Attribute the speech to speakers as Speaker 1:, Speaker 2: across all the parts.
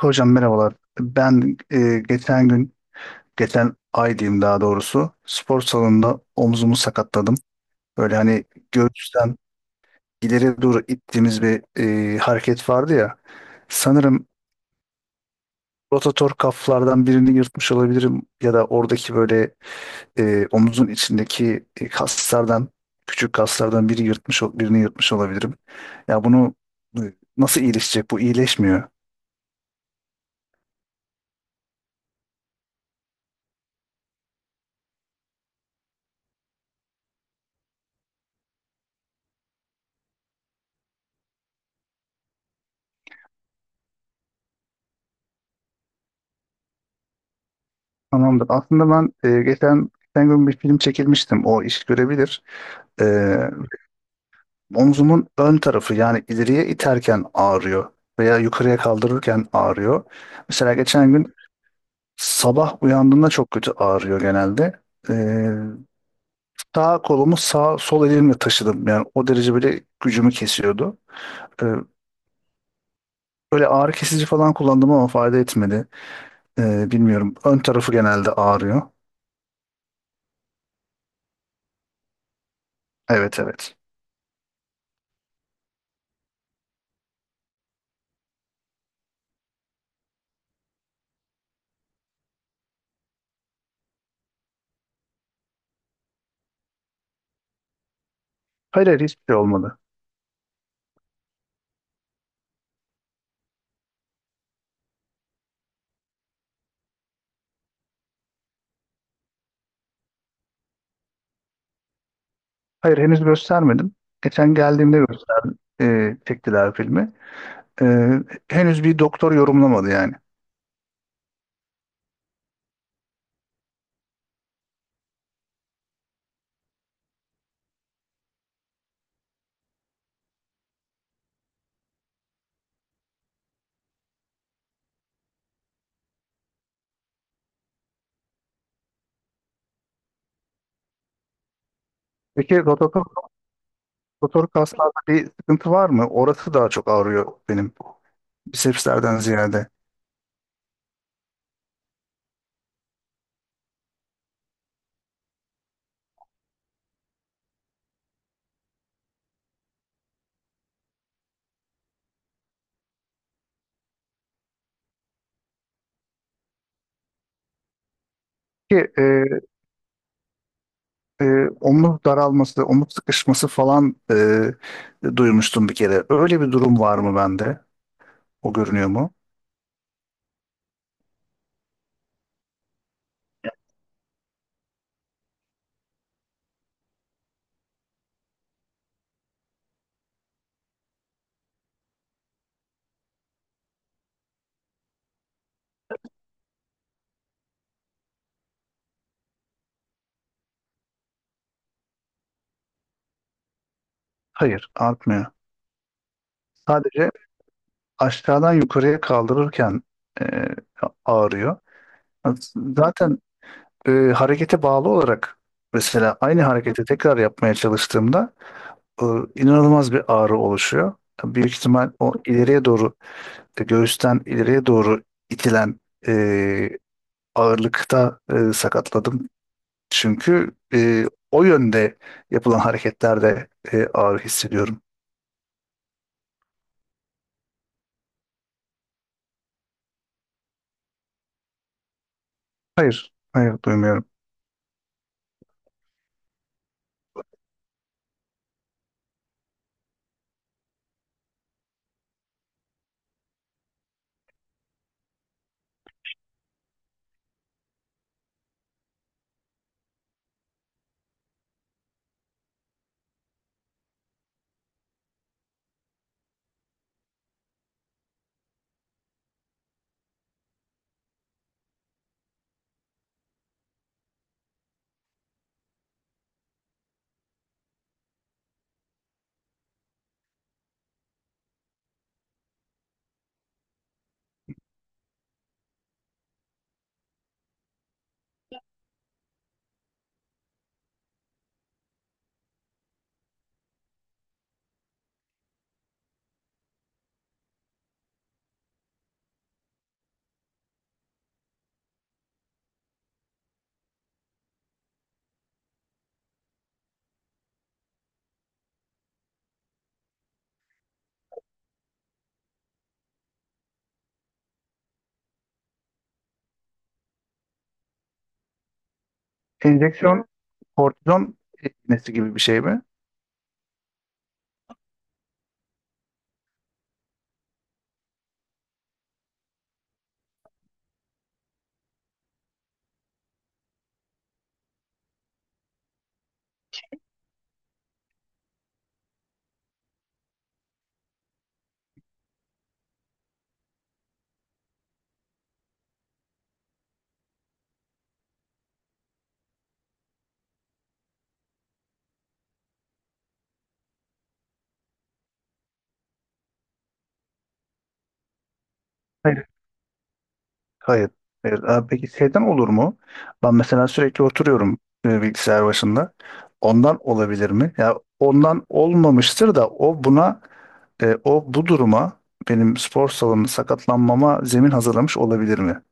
Speaker 1: Hocam merhabalar. Ben geçen gün, geçen ay diyeyim daha doğrusu, spor salonunda omzumu sakatladım. Böyle hani göğüsten ileri doğru ittiğimiz bir hareket vardı ya. Sanırım rotator kaflardan birini yırtmış olabilirim ya da oradaki böyle omuzun içindeki kaslardan, küçük kaslardan biri yırtmış, birini yırtmış olabilirim. Ya bunu e, nasıl iyileşecek? Bu iyileşmiyor. Tamamdır. Aslında ben geçen gün bir film çekilmiştim. O iş görebilir. E, Omzumun ön tarafı yani ileriye iterken ağrıyor veya yukarıya kaldırırken ağrıyor. Mesela geçen gün sabah uyandığımda çok kötü ağrıyor genelde. E, Sağ kolumu sağ sol elimle taşıdım. Yani o derece böyle gücümü kesiyordu. E, Böyle ağrı kesici falan kullandım ama fayda etmedi. Bilmiyorum. Ön tarafı genelde ağrıyor. Evet evet. Hayır hayır hiçbir şey olmadı. Hayır henüz göstermedim. Geçen geldiğimde çektiler filmi. E, Henüz bir doktor yorumlamadı yani. Peki rotator, rotator kaslarda bir sıkıntı var mı? Orası daha çok ağrıyor benim bisepslerden ziyade. Ki e, e, Omuz daralması, omuz sıkışması falan duymuştum bir kere. Öyle bir durum var mı bende? O görünüyor mu? Hayır, artmıyor. Sadece aşağıdan yukarıya kaldırırken e, ağrıyor. Zaten harekete bağlı olarak mesela aynı hareketi tekrar yapmaya çalıştığımda e, inanılmaz bir ağrı oluşuyor. Büyük ihtimal o ileriye doğru, göğüsten ileriye doğru itilen e, ağırlıkta sakatladım. Çünkü o yönde yapılan hareketlerde ağrı hissediyorum. Hayır, hayır duymuyorum. Enjeksiyon kortizon iğnesi gibi bir şey mi? Hayır, hayır. Hayır. Abi peki şeyden olur mu? Ben mesela sürekli oturuyorum bilgisayar başında. Ondan olabilir mi? Ya ondan olmamıştır da o buna o bu duruma benim spor salonu sakatlanmama zemin hazırlamış olabilir mi?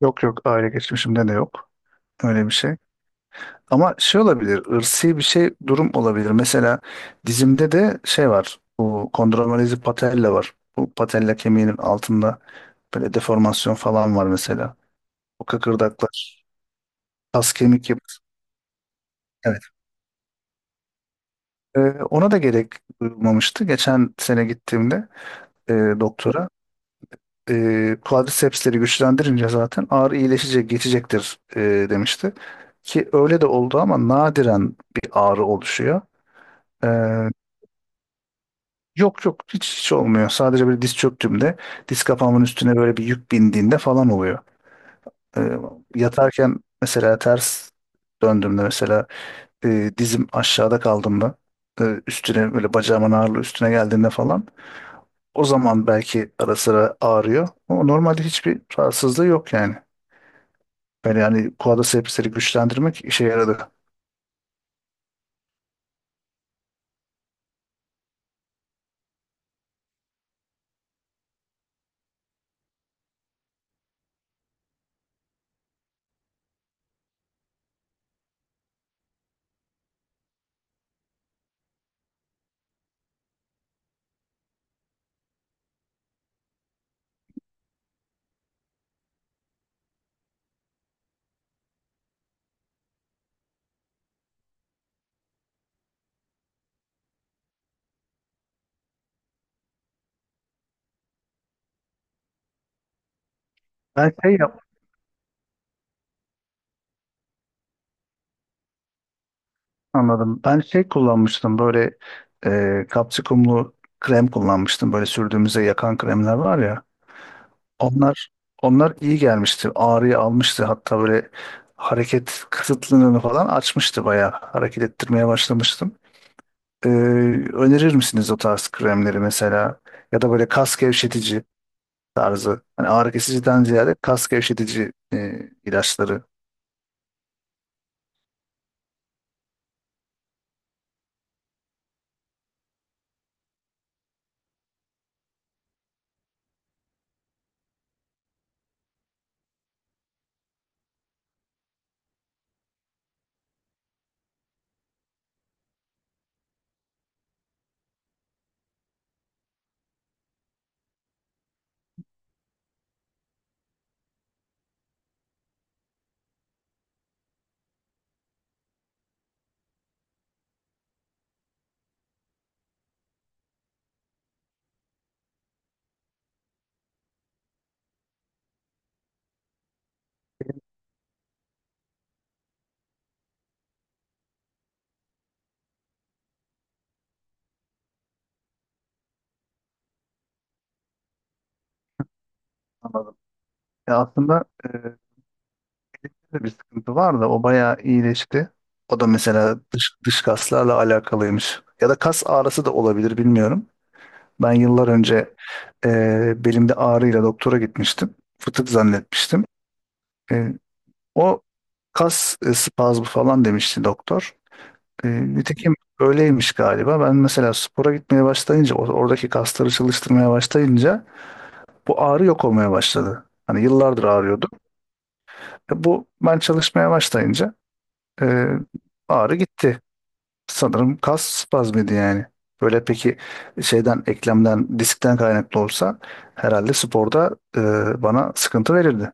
Speaker 1: Yok yok aile geçmişimde de yok. Öyle bir şey. Ama şey olabilir, ırsi bir şey durum olabilir. Mesela dizimde de şey var, bu kondromalazi patella var. Bu patella kemiğinin altında böyle deformasyon falan var mesela. O kıkırdaklar, kas kemik yapısı. Evet. Ee, Ona da gerek duyulmamıştı. Geçen sene gittiğimde e, doktora quadricepsleri güçlendirince zaten ağrı iyileşecek, geçecektir, demişti. Ki öyle de oldu ama nadiren bir ağrı oluşuyor. Ee, Yok yok hiç, hiç olmuyor. Sadece böyle diz çöktüğümde diz kapağımın üstüne böyle bir yük bindiğinde falan oluyor. Ee, Yatarken mesela ters döndüğümde mesela dizim aşağıda kaldığımda üstüne böyle bacağımın ağırlığı üstüne geldiğinde falan o zaman belki ara sıra ağrıyor. Ama normalde hiçbir rahatsızlığı yok yani. Böyle yani quadricepsleri güçlendirmek işe yaradı. Ben şey yap- Anladım. Ben şey kullanmıştım böyle kapsikumlu krem kullanmıştım. Böyle sürdüğümüzde yakan kremler var ya. Onlar onlar iyi gelmişti. Ağrıyı almıştı. Hatta böyle hareket kısıtlılığını falan açmıştı bayağı. Hareket ettirmeye başlamıştım. E, Önerir misiniz o tarz kremleri mesela? Ya da böyle kas gevşetici tarzı. Hani ağrı kesiciden ziyade kas gevşetici ilaçları. Anladım. Ya aslında bir sıkıntı var da o bayağı iyileşti. O da mesela dış, dış kaslarla alakalıymış. Ya da kas ağrısı da olabilir bilmiyorum. Ben yıllar önce belimde ağrıyla doktora gitmiştim. Fıtık zannetmiştim. E, O kas spazmı falan demişti doktor. E, Nitekim öyleymiş galiba. Ben mesela spora gitmeye başlayınca, oradaki kasları çalıştırmaya başlayınca bu ağrı yok olmaya başladı. Hani yıllardır ağrıyordu. Bu ben çalışmaya başlayınca e, ağrı gitti. Sanırım kas spazmıydı yani. Böyle peki şeyden, eklemden, diskten kaynaklı olsa herhalde sporda bana sıkıntı verirdi.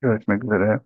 Speaker 1: Görüşmek üzere.